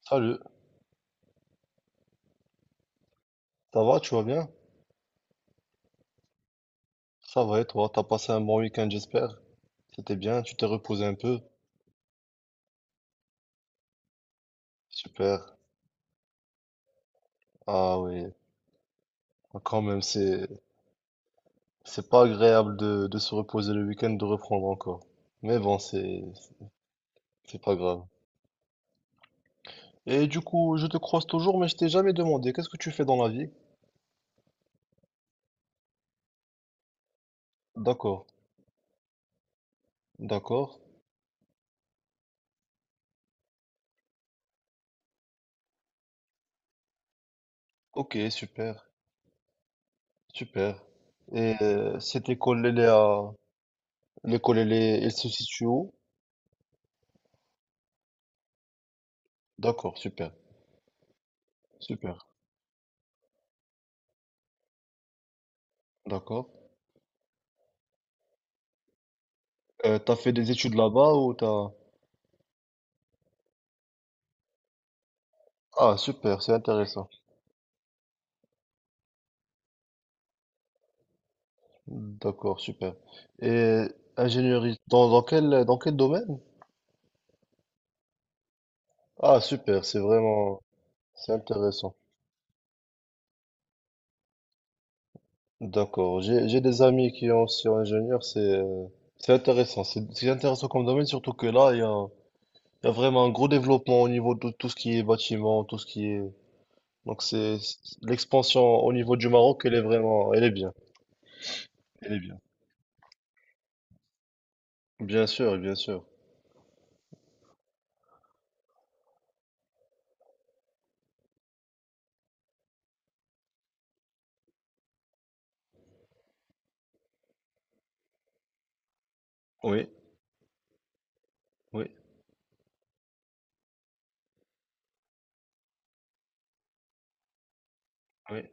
Salut, ça va, tu vas bien? Ça va et toi, t'as passé un bon week-end, j'espère. C'était bien, tu t'es reposé un peu? Super. Ah oui. Ah, quand même, c'est pas agréable de se reposer le week-end, de reprendre encore. Mais bon, c'est pas grave. Et du coup, je te croise toujours, mais je t'ai jamais demandé, qu'est-ce que tu fais dans la vie? D'accord, d'accord. Ok, super, super. Et cette école, elle est à... L'école, elle se situe où? D'accord, super, super, d'accord. T'as fait des études là-bas ou t'as... Ah, super, c'est intéressant. D'accord, super. Et ingénierie, dans quel domaine? Ah, super, c'est vraiment, c'est intéressant. D'accord, j'ai des amis qui ont aussi ingénieur, c'est intéressant. C'est intéressant comme domaine, surtout que là, il y a vraiment un gros développement au niveau de tout ce qui est bâtiment, tout ce qui est... Donc l'expansion au niveau du Maroc, elle est vraiment, elle est bien. Elle est bien. Bien sûr, bien sûr. Oui, oui, oui.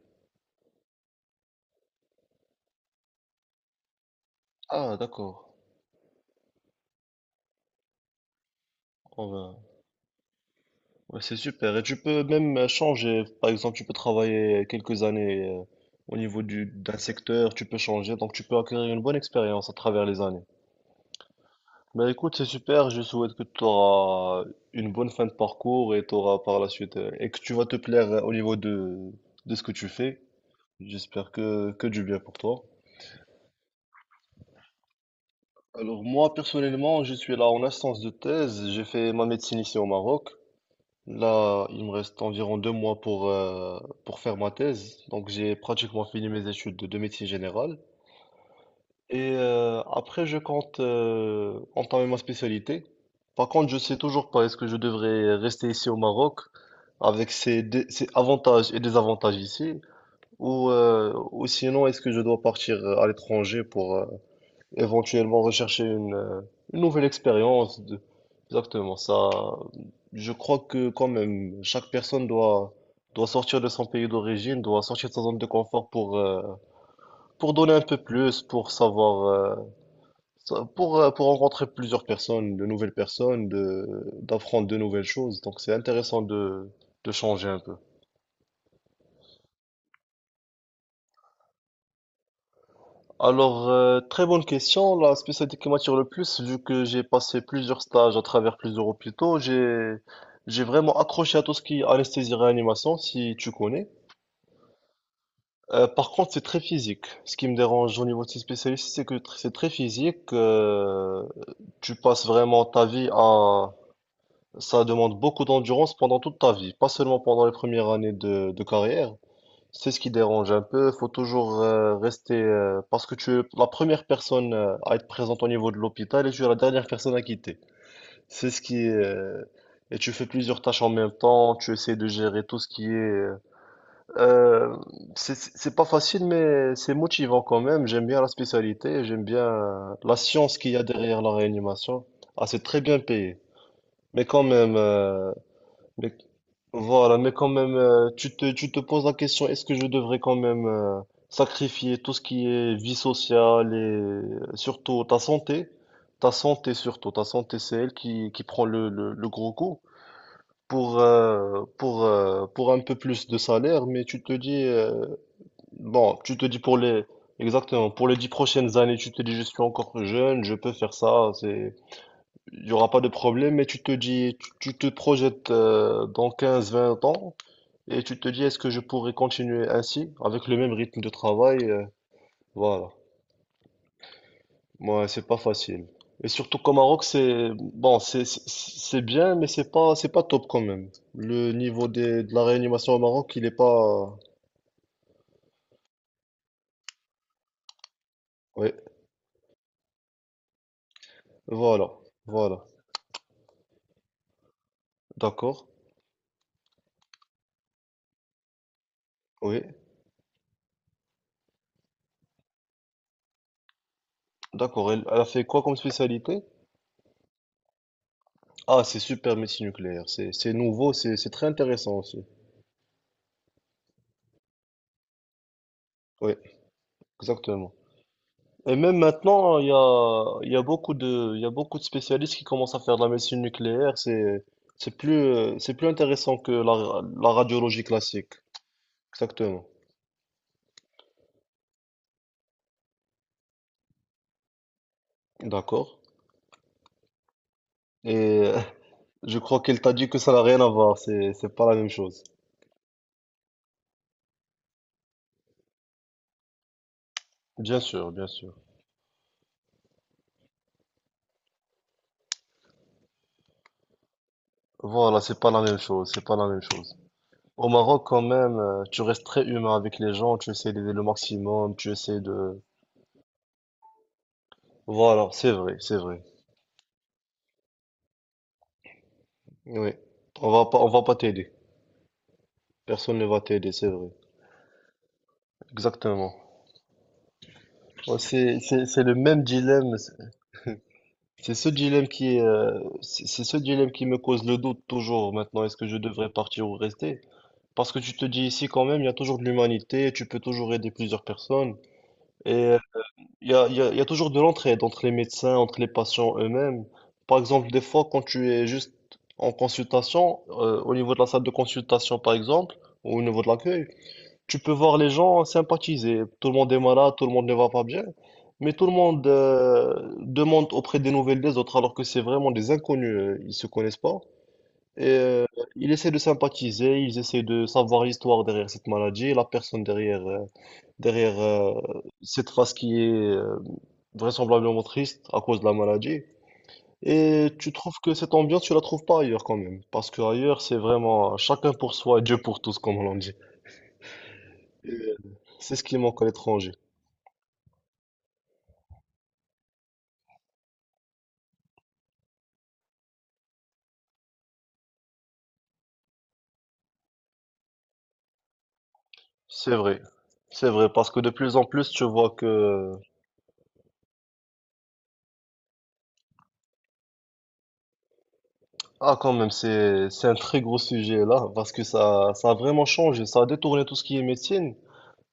Ah, d'accord. On va- ouais, c'est super. Et tu peux même changer. Par exemple, tu peux travailler quelques années au niveau d'un secteur, tu peux changer. Donc, tu peux acquérir une bonne expérience à travers les années. Ben écoute, c'est super. Je souhaite que tu auras une bonne fin de parcours et tu auras par la suite, et que tu vas te plaire au niveau de ce que tu fais. J'espère que du bien pour toi. Alors, moi, personnellement, je suis là en instance de thèse. J'ai fait ma médecine ici au Maroc. Là, il me reste environ 2 mois pour faire ma thèse. Donc, j'ai pratiquement fini mes études de médecine générale. Et après, je compte entamer ma spécialité. Par contre, je sais toujours pas est-ce que je devrais rester ici au Maroc avec ses avantages et désavantages ici, ou sinon est-ce que je dois partir à l'étranger éventuellement rechercher une nouvelle expérience. Exactement ça. Je crois que quand même, chaque personne doit sortir de son pays d'origine, doit sortir de sa zone de confort pour donner un peu plus, pour savoir, sa- pour rencontrer plusieurs personnes, de nouvelles personnes, de, d'apprendre de nouvelles choses. Donc c'est intéressant de changer un peu. Alors, très bonne question. La spécialité qui m'attire le plus, vu que j'ai passé plusieurs stages à travers plusieurs hôpitaux, j'ai vraiment accroché à tout ce qui est anesthésie-réanimation, si tu connais. Par contre, c'est très physique. Ce qui me dérange au niveau de ces spécialistes, c'est que c'est très physique. Tu passes vraiment ta vie à... Ça demande beaucoup d'endurance pendant toute ta vie, pas seulement pendant les premières années de carrière. C'est ce qui dérange un peu. Faut toujours rester parce que tu es la première personne à être présente au niveau de l'hôpital et tu es la dernière personne à quitter. C'est ce qui est, Et tu fais plusieurs tâches en même temps. Tu essaies de gérer tout ce qui est. Euh, c'est pas facile, mais c'est motivant quand même. J'aime bien la spécialité. J'aime bien la science qu'il y a derrière la réanimation. Ah, c'est très bien payé. Mais quand même, euh, mais voilà, mais quand même, tu te poses la question, est-ce que je devrais quand même sacrifier tout ce qui est vie sociale et surtout ta santé? Ta santé surtout, ta santé c'est elle qui prend le gros coup pour un peu plus de salaire, mais tu te dis pour exactement, pour les 10 prochaines années, tu te dis je suis encore jeune, je peux faire ça, c'est, il y aura pas de problème, mais tu te dis, tu te projettes dans 15 20 ans. Et tu te dis, est-ce que je pourrais continuer ainsi, avec le même rythme de travail? Voilà. Moi, c'est pas facile. Et surtout qu'au Maroc, c'est bon, c'est bien, mais c'est pas top quand même. Le niveau de la réanimation au Maroc, il est pas. Oui, voilà, voilà. D'accord. Oui, d'accord. Elle, elle a fait quoi comme spécialité? Ah, c'est super médecine nucléaire. C'est nouveau, c'est très intéressant aussi. Oui, exactement. Et même maintenant, il y a beaucoup de, il y a beaucoup de spécialistes qui commencent à faire de la médecine nucléaire. C'est plus intéressant que la radiologie classique. Exactement. D'accord. Et je crois qu'elle t'a dit que ça n'a rien à voir. C'est pas la même chose. Bien sûr, bien sûr. Voilà, c'est pas la même chose. C'est pas la même chose. Au Maroc, quand même, tu restes très humain avec les gens. Tu essaies d'aider le maximum. Tu essaies de. Voilà, c'est vrai, c'est vrai. Oui. On va pas t'aider. Personne ne va t'aider, c'est vrai. Exactement. Ouais, c'est le même dilemme. C'est ce dilemme qui est, c'est ce dilemme qui me cause le doute toujours maintenant. Est-ce que je devrais partir ou rester? Parce que tu te dis ici quand même, il y a toujours de l'humanité, tu peux toujours aider plusieurs personnes. Et il y a, il y a- il y a toujours de l'entraide entre les médecins, entre les patients eux-mêmes. Par exemple, des fois, quand tu es juste en consultation, au niveau de la salle de consultation par exemple, ou au niveau de l'accueil, tu peux voir les gens sympathiser. Tout le monde est malade, tout le monde ne va pas bien, mais tout le monde demande auprès des nouvelles des autres, alors que c'est vraiment des inconnus, ils se connaissent pas. Et ils essaient de sympathiser, ils essaient de savoir l'histoire derrière cette maladie, la personne derrière, derrière cette face qui est vraisemblablement triste à cause de la maladie. Et tu trouves que cette ambiance, tu la trouves pas ailleurs quand même, parce que ailleurs c'est vraiment chacun pour soi et Dieu pour tous, comme on l'a dit. Et, euh, c'est ce qui manque à l'étranger. C'est vrai, c'est vrai, parce que de plus en plus, tu vois que... Ah, quand même, c'est un très gros sujet là, parce que ça a vraiment changé, ça a détourné tout ce qui est médecine.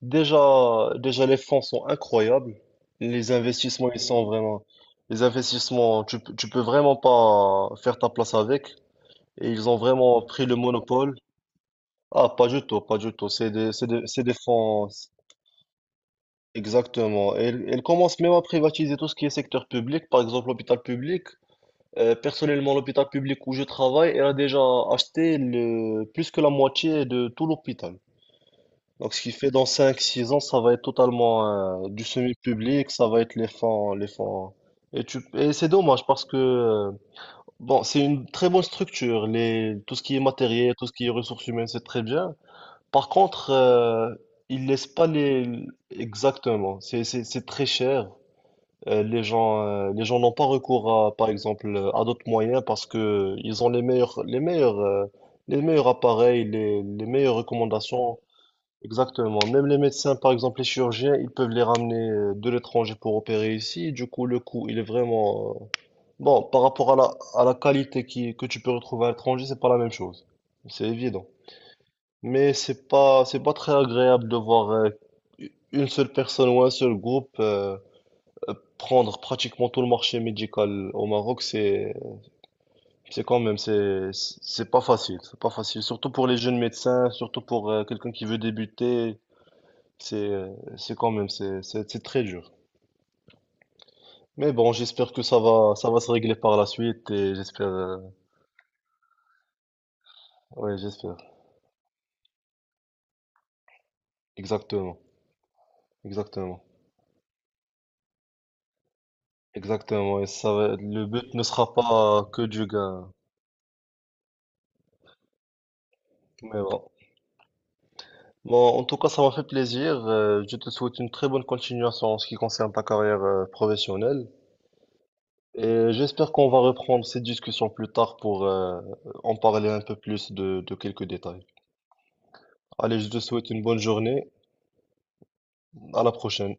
Déjà, déjà les fonds sont incroyables, les investissements, ils sont vraiment... Les investissements, tu peux vraiment pas faire ta place avec, et ils ont vraiment pris le monopole. Ah, pas du tout, pas du tout, c'est des fonds... Exactement. Et, ils commencent même à privatiser tout ce qui est secteur public, par exemple l'hôpital public. Personnellement, l'hôpital public où je travaille, elle a déjà acheté plus que la moitié de tout l'hôpital. Donc, ce qui fait dans 5 6 ans, ça va être totalement du semi-public, ça va être les fonds, les fonds. Et, et c'est dommage parce que, bon, c'est une très bonne structure. Tout ce qui est matériel, tout ce qui est ressources humaines, c'est très bien. Par contre, ils laissent pas exactement. C'est très cher. Les gens n'ont pas recours à, par exemple, à d'autres moyens parce que ils ont les meilleurs appareils, les meilleures recommandations. Exactement. Même les médecins, par exemple, les chirurgiens, ils peuvent les ramener de l'étranger pour opérer ici. Du coup, le coût, il est vraiment, bon, par rapport à la qualité que tu peux retrouver à l'étranger, c'est pas la même chose. C'est évident. Mais c'est pas très agréable de voir une seule personne ou un seul groupe, prendre pratiquement tout le marché médical au Maroc, c'est pas facile, c'est pas facile, surtout pour les jeunes médecins, surtout pour quelqu'un qui veut débuter, c'est quand même c'est très dur. Mais bon, j'espère que ça va se régler par la suite et j'espère ouais, j'espère. Exactement. Exactement. Exactement et le but ne sera pas que du gain. Mais bon. Bon, en tout cas, ça m'a fait plaisir. Je te souhaite une très bonne continuation en ce qui concerne ta carrière professionnelle. Et j'espère qu'on va reprendre cette discussion plus tard pour en parler un peu plus de quelques détails. Allez, je te souhaite une bonne journée. À la prochaine.